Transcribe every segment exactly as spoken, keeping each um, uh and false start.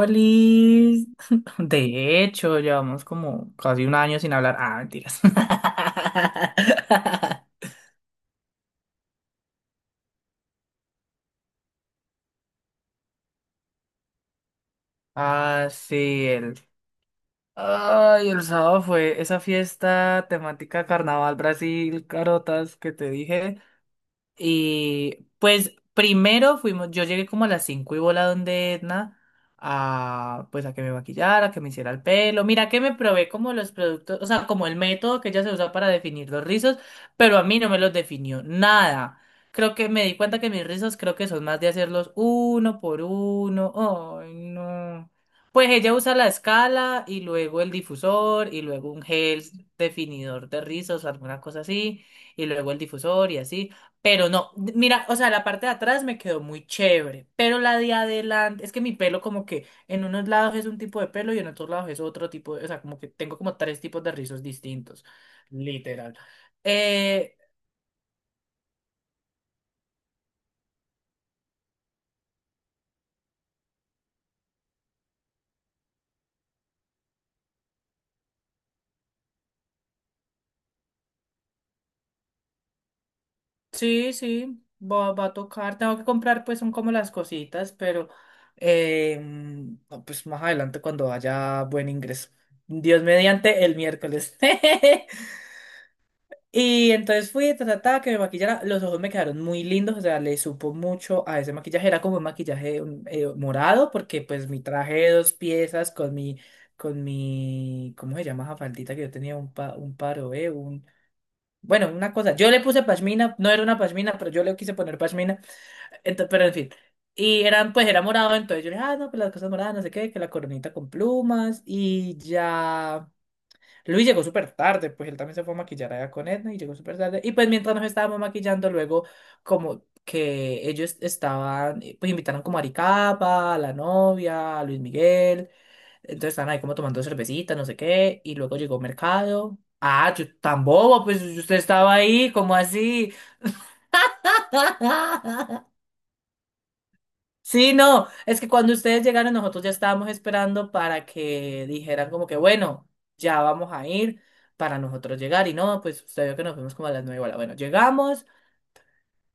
Oli, de hecho, llevamos como casi un año sin hablar. Ah, mentiras. Ah, sí, el. Ay, el sábado fue esa fiesta temática Carnaval Brasil, carotas, que te dije. Y pues primero fuimos, yo llegué como a las cinco y bola donde Edna a pues a que me maquillara, a que me hiciera el pelo. Mira que me probé como los productos, o sea, como el método que ella se usa para definir los rizos, pero a mí no me los definió nada. Creo que me di cuenta que mis rizos creo que son más de hacerlos uno por uno. Ay, no. Pues ella usa la escala y luego el difusor y luego un gel definidor de rizos, alguna cosa así, y luego el difusor y así. Pero no, mira, o sea, la parte de atrás me quedó muy chévere, pero la de adelante, es que mi pelo como que en unos lados es un tipo de pelo y en otros lados es otro tipo de, o sea, como que tengo como tres tipos de rizos distintos, literal. Eh, sí, sí, va, va a tocar, tengo que comprar pues son como las cositas, pero eh, no, pues más adelante cuando haya buen ingreso. Dios mediante el miércoles. Y entonces fui, ta, ta, ta, que me maquillara. Los ojos me quedaron muy lindos, o sea, le supo mucho a ese maquillaje. Era como un maquillaje un, eh, morado, porque pues mi traje de dos piezas con mi, con mi, ¿cómo se llama esa faldita que yo tenía? Un, pa, un paro, ¿eh? Un, bueno, una cosa. Yo le puse pashmina, no era una pashmina, pero yo le quise poner pashmina. Entonces, pero en fin. Y eran, pues era morado, entonces yo le dije, ah, no, pues las cosas moradas, no sé qué, que la coronita con plumas y ya. Luis llegó súper tarde, pues él también se fue a maquillar allá con Edna y llegó súper tarde. Y pues mientras nos estábamos maquillando, luego como que ellos estaban, eh, pues invitaron como a Aricapa, a la novia, a Luis Miguel. Entonces estaban ahí como tomando cervecita, no sé qué. Y luego llegó Mercado. Ah, yo tan bobo, pues usted estaba ahí, como así. Sí, no, es que cuando ustedes llegaron nosotros ya estábamos esperando para que dijeran como que bueno, ya vamos a ir para nosotros llegar y no, pues usted vio que nos fuimos como a las nueve, hola, bueno, llegamos,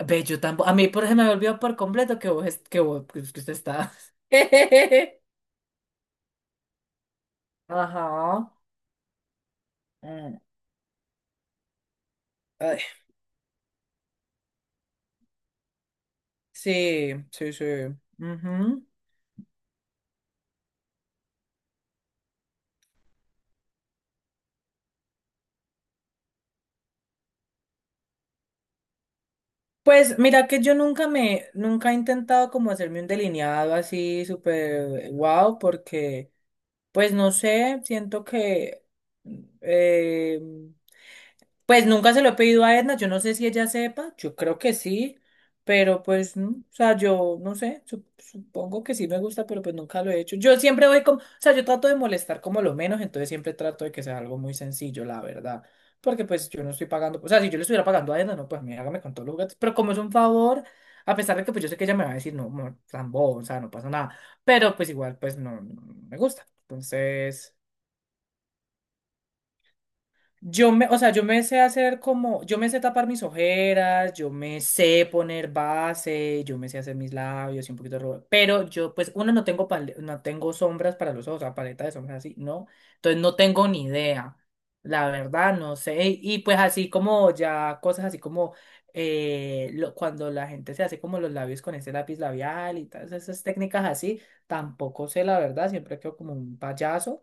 ve, yo tampoco, a mí por ejemplo me olvidó por completo que vos, es- que vos, que usted está. Ajá. Mm, ay, sí, sí, sí. Ujú. Pues mira que yo nunca me, nunca he intentado como hacerme un delineado así súper wow, porque pues no sé, siento que eh, pues nunca se lo he pedido a Edna, yo no sé si ella sepa, yo creo que sí, pero pues, no, o sea, yo no sé, sup- supongo que sí me gusta, pero pues nunca lo he hecho. Yo siempre voy como, o sea, yo trato de molestar como lo menos, entonces siempre trato de que sea algo muy sencillo, la verdad, porque pues yo no estoy pagando, o sea, si yo le estuviera pagando a Edna, no, pues mí hágame con todos los gatos pero como es un favor, a pesar de que pues yo sé que ella me va a decir, no, amor, tan bobo, o sea, no pasa nada, pero pues igual, pues no, no no me gusta, entonces... Yo me, o sea, yo me sé hacer como, yo me sé tapar mis ojeras, yo me sé poner base, yo me sé hacer mis labios y un poquito de rubor, pero yo, pues, uno, no tengo, pale- no tengo sombras para los ojos, o sea, paleta de sombras así, ¿no? Entonces no tengo ni idea, la verdad, no sé, y, y, pues así como ya cosas así como eh, lo- cuando la gente se hace como los labios con ese lápiz labial y todas esas técnicas así, tampoco sé la verdad, siempre quedo como un payaso.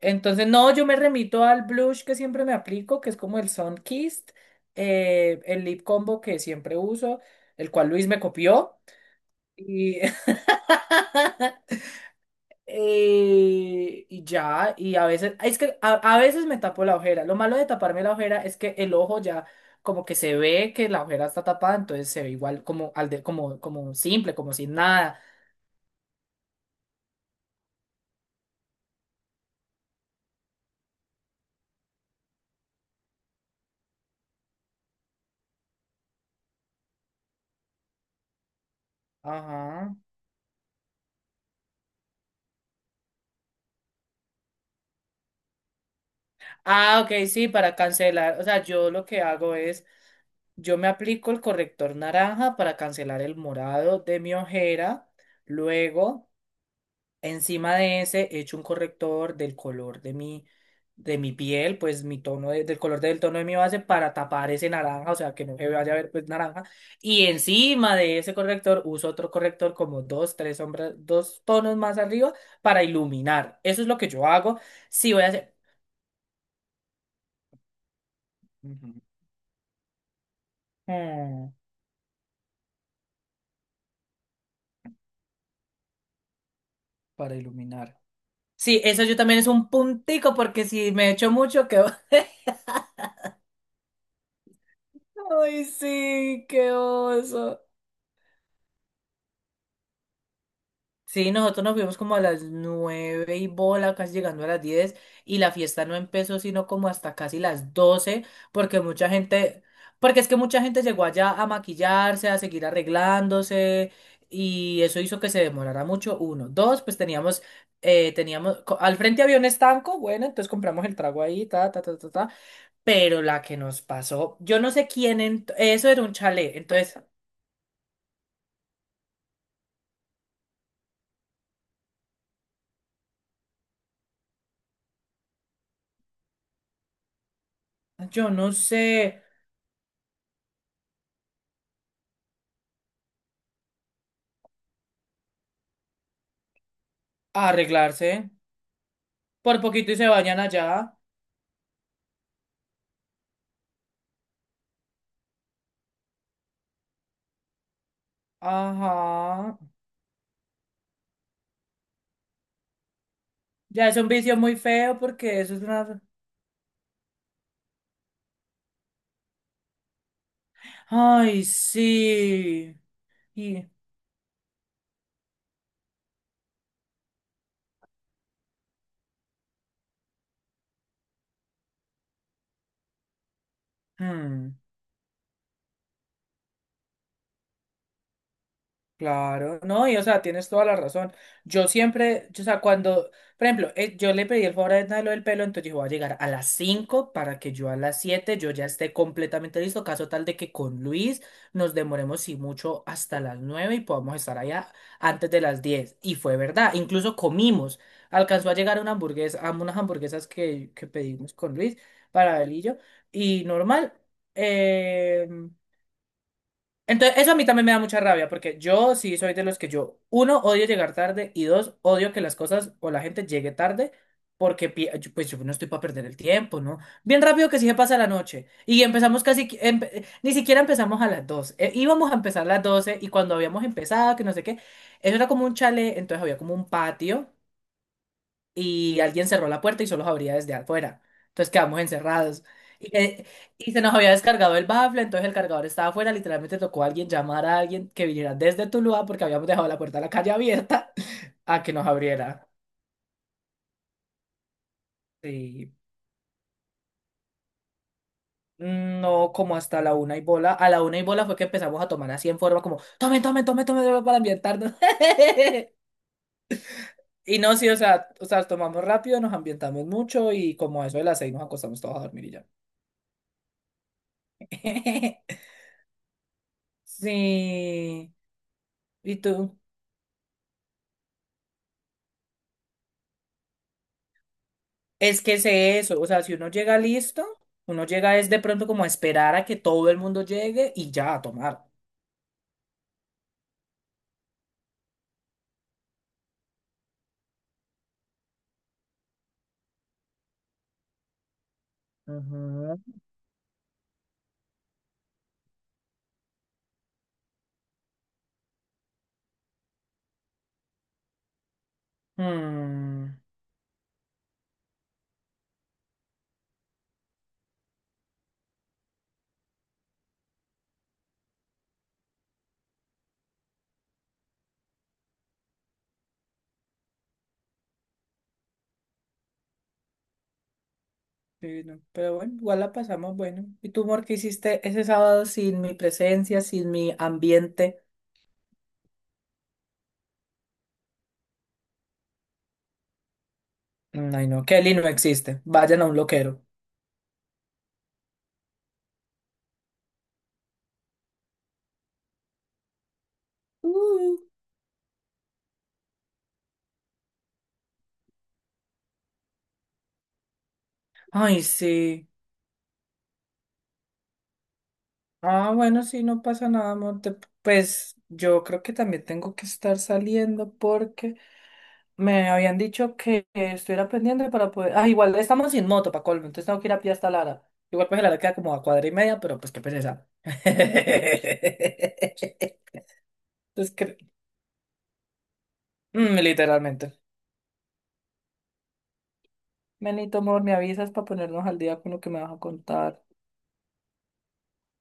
Entonces, no, yo me remito al blush que siempre me aplico, que es como el Sun Kissed, eh, el lip combo que siempre uso, el cual Luis me copió. Y, Eh, y ya, y a veces, es que a, a veces me tapo la ojera. Lo malo de taparme la ojera es que el ojo ya como que se ve que la ojera está tapada, entonces se ve igual como, al de, como, como simple, como sin nada. Ajá. Ah, ok, sí, para cancelar. O sea, yo lo que hago es... Yo me aplico el corrector naranja para cancelar el morado de mi ojera. Luego, encima de ese, echo un corrector del color de mi, de mi piel, pues mi tono de- del color del tono de mi base para tapar ese naranja, o sea, que no se vaya a ver pues naranja. Y encima de ese corrector uso otro corrector como dos, tres sombras, dos tonos más arriba para iluminar. Eso es lo que yo hago. Sí, voy a hacer... Ujú. Mm, para iluminar. Sí, eso yo también es un puntico porque si me echo mucho, quedo. Ay, sí, qué oso. Sí, nosotros nos fuimos como a las nueve y bola, casi llegando a las diez, y la fiesta no empezó sino como hasta casi las doce, porque mucha gente, porque es que mucha gente llegó allá a maquillarse, a seguir arreglándose, y eso hizo que se demorara mucho, uno. Dos, pues teníamos, eh, teníamos, co- al frente había un estanco, bueno, entonces compramos el trago ahí, ta, ta, ta, ta, ta. Pero la que nos pasó, yo no sé quién, ent- eso era un chalet, entonces yo no sé arreglarse. Por poquito y se bañan allá. Ajá. Ya es un vicio muy feo porque eso es una... Ay, sí. Y... hmm. Claro, no, y o sea, tienes toda la razón. Yo siempre, yo, o sea, cuando, por ejemplo, eh, yo le pedí el favor a Edna de lo del pelo, entonces dijo voy a llegar a las cinco para que yo a las siete yo ya esté completamente listo, caso tal de que con Luis nos demoremos si mucho hasta las nueve y podamos estar allá antes de las diez. Y fue verdad, incluso comimos. Alcanzó a llegar una hamburguesa, a unas hamburguesas que, que pedimos con Luis para él y yo, y normal. em, entonces, eso a mí también me da mucha rabia, porque yo sí soy de los que yo, uno, odio llegar tarde y dos, odio que las cosas o la gente llegue tarde porque pi- yo- pues yo no estoy para perder el tiempo, ¿no? Bien rápido que sí se pasa la noche y empezamos casi, que- empe- ni siquiera empezamos a las dos íbamos a empezar a las doce y cuando habíamos empezado, que no sé qué, eso era como un chalet, entonces había como un patio y alguien cerró la puerta y solo se abría desde afuera. Entonces quedamos encerrados. Y, eh, y se nos había descargado el bafle, entonces el cargador estaba afuera. Literalmente tocó a alguien llamar a alguien que viniera desde Tuluá porque habíamos dejado la puerta de la calle abierta a que nos abriera. Sí. No, como hasta la una y bola. A la una y bola fue que empezamos a tomar así en forma como, tomen, tomen, tomen, tomen tomen", para ambientarnos. Y no, sí, o sea, o sea, tomamos rápido, nos ambientamos mucho y como a eso de las seis nos acostamos todos a dormir y ya. Sí. ¿Y tú? Es que sé eso, o sea, si uno llega listo, uno llega es de pronto como a esperar a que todo el mundo llegue y ya a tomar. Ujú. Mm, sí, no, pero bueno, igual la pasamos bueno. ¿Y tú, amor, qué hiciste ese sábado sin mi presencia, sin mi ambiente? Mm, ay, no, Kelly no existe. Vayan a un loquero. Uh. Ay, sí. Ah, bueno, sí, no pasa nada, amor. Te- Pues yo creo que también tengo que estar saliendo porque me habían dicho que eh, estuviera pendiente para poder. Ah, igual estamos sin moto para colmo, entonces tengo que ir a pie hasta Lara. Igual pues Lara queda como a cuadra y media, pero pues qué pereza. Entonces, cre- Mm, literalmente. Benito, amor, me avisas para ponernos al día con lo que me vas a contar.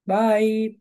Bye.